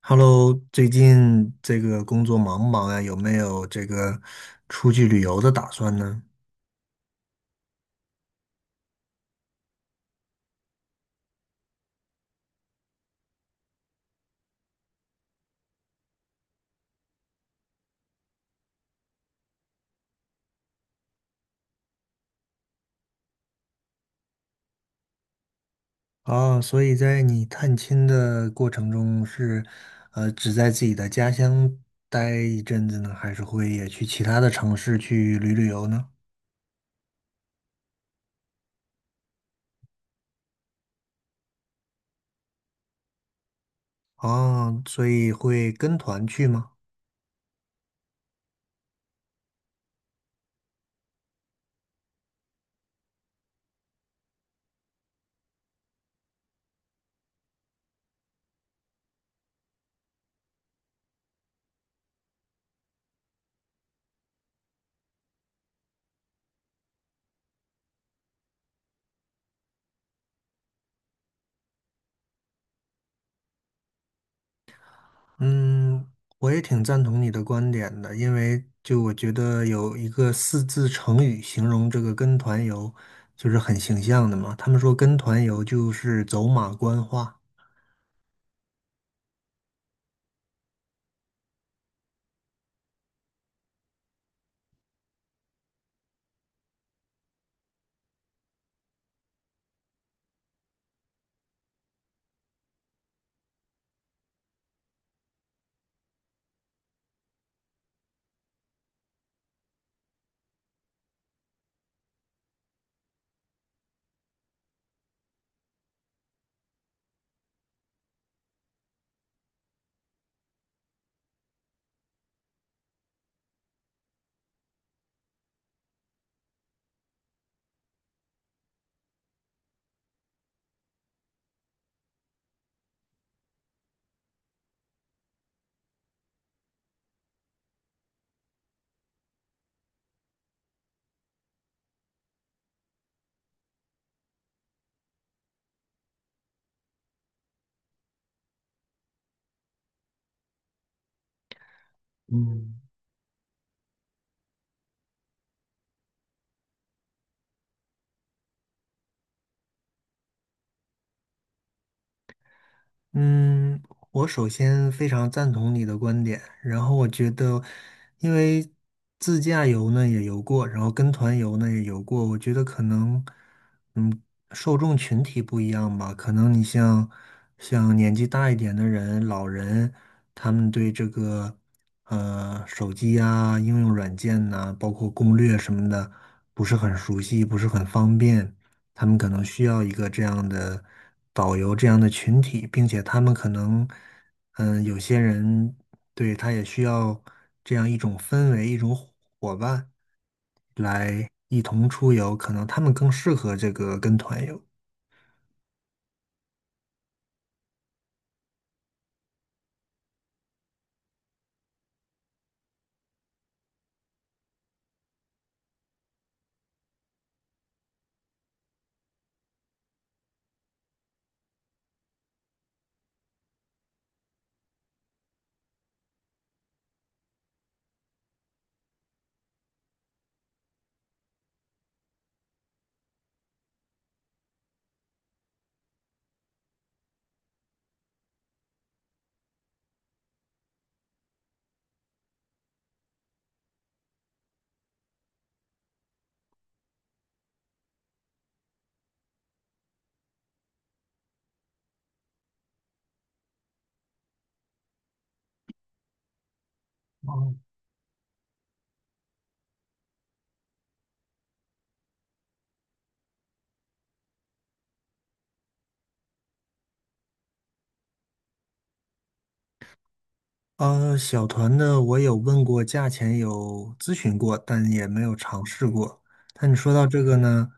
Hello，最近这个工作忙不忙呀？有没有这个出去旅游的打算呢？啊，所以在你探亲的过程中是，只在自己的家乡待一阵子呢，还是会也去其他的城市去旅游呢？啊，所以会跟团去吗？嗯，我也挺赞同你的观点的，因为就我觉得有一个四字成语形容这个跟团游，就是很形象的嘛。他们说跟团游就是走马观花。嗯。嗯，我首先非常赞同你的观点，然后我觉得，因为自驾游呢也游过，然后跟团游呢也游过，我觉得可能，嗯，受众群体不一样吧，可能你像年纪大一点的人、老人，他们对这个手机啊、应用软件呐、包括攻略什么的，不是很熟悉，不是很方便。他们可能需要一个这样的导游这样的群体，并且他们可能，嗯，有些人对他也需要这样一种氛围，一种伙伴来一同出游，可能他们更适合这个跟团游。呃，小团的我有问过价钱，有咨询过，但也没有尝试过。但你说到这个呢，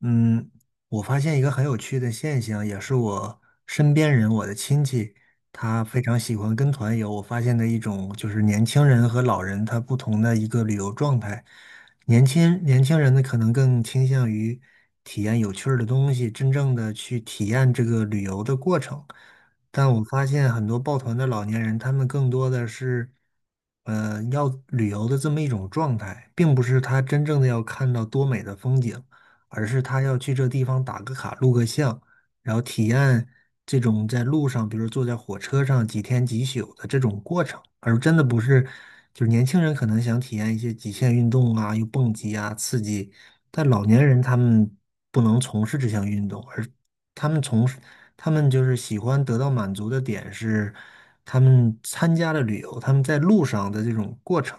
嗯，我发现一个很有趣的现象，也是我身边人，我的亲戚，他非常喜欢跟团游。我发现的一种就是年轻人和老人他不同的一个旅游状态。年轻人呢，可能更倾向于体验有趣儿的东西，真正的去体验这个旅游的过程。但我发现很多抱团的老年人，他们更多的是，呃，要旅游的这么一种状态，并不是他真正的要看到多美的风景，而是他要去这地方打个卡、录个像，然后体验这种在路上，比如坐在火车上几天几宿的这种过程，而真的不是，就是年轻人可能想体验一些极限运动啊，又蹦极啊，刺激，但老年人他们不能从事这项运动，而他们从事。他们就是喜欢得到满足的点是，他们参加了旅游，他们在路上的这种过程。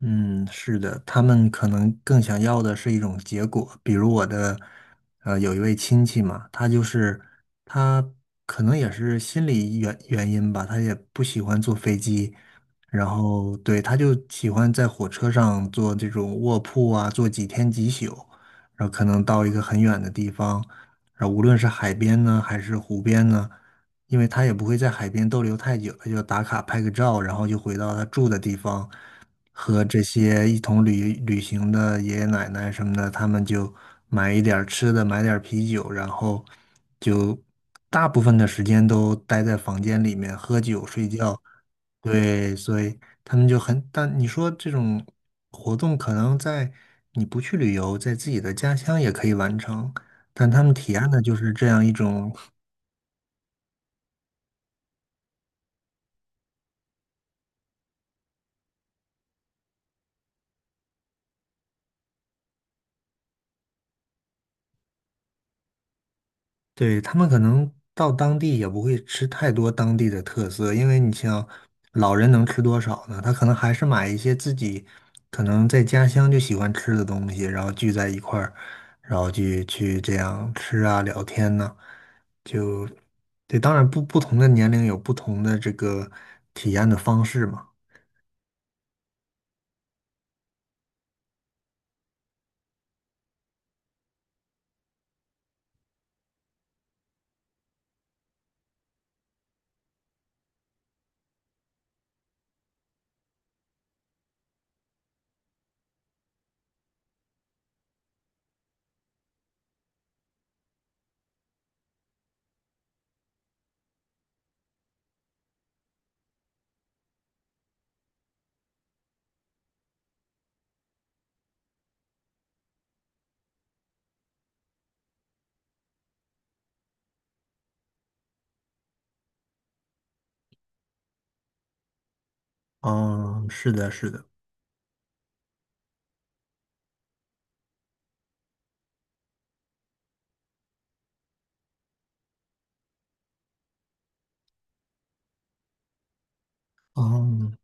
嗯，是的，他们可能更想要的是一种结果。比如我的，呃，有一位亲戚嘛，他就是他可能也是心理原因吧，他也不喜欢坐飞机，然后对，他就喜欢在火车上坐这种卧铺啊，坐几天几宿，然后可能到一个很远的地方，然后无论是海边呢，还是湖边呢。因为他也不会在海边逗留太久，他就打卡拍个照，然后就回到他住的地方，和这些一同旅行的爷爷奶奶什么的，他们就买一点儿吃的，买点儿啤酒，然后就大部分的时间都待在房间里面喝酒睡觉。对，所以他们就很，但你说这种活动可能在你不去旅游，在自己的家乡也可以完成，但他们体验的就是这样一种。对，他们可能到当地也不会吃太多当地的特色，因为你像老人能吃多少呢？他可能还是买一些自己可能在家乡就喜欢吃的东西，然后聚在一块儿，然后去这样吃啊聊天呢、就对，当然不同的年龄有不同的这个体验的方式嘛。嗯，是的，是的。嗯。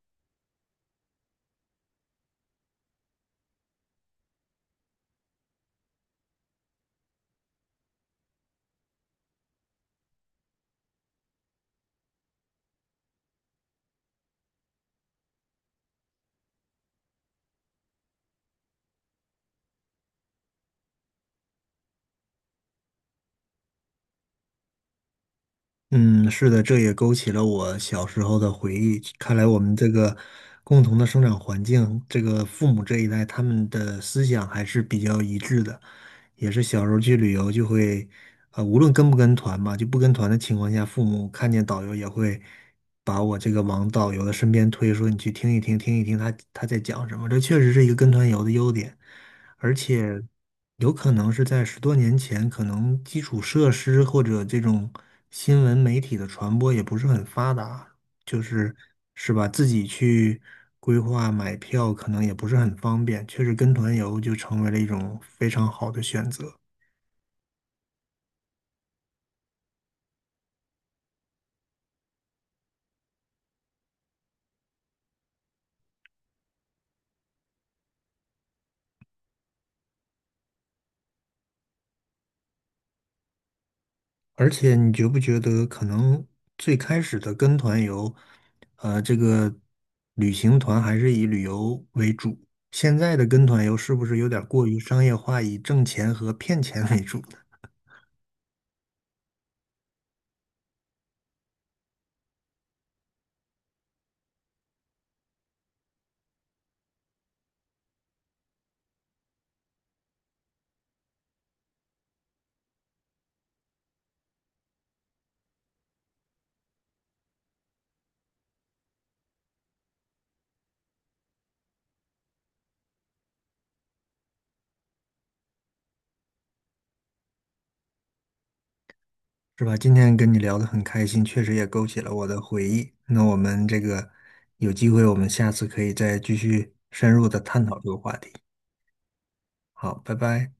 嗯，是的，这也勾起了我小时候的回忆。看来我们这个共同的生长环境，这个父母这一代，他们的思想还是比较一致的。也是小时候去旅游就会，呃，无论跟不跟团嘛，就不跟团的情况下，父母看见导游也会把我这个往导游的身边推，说你去听一听，听一听他在讲什么。这确实是一个跟团游的优点，而且。有可能是在十多年前，可能基础设施或者这种新闻媒体的传播也不是很发达，就是是吧？自己去规划买票可能也不是很方便，确实跟团游就成为了一种非常好的选择。而且你觉不觉得，可能最开始的跟团游，呃，这个旅行团还是以旅游为主，现在的跟团游是不是有点过于商业化，以挣钱和骗钱为主？是吧？今天跟你聊得很开心，确实也勾起了我的回忆。那我们这个有机会，我们下次可以再继续深入的探讨这个话题。好，拜拜。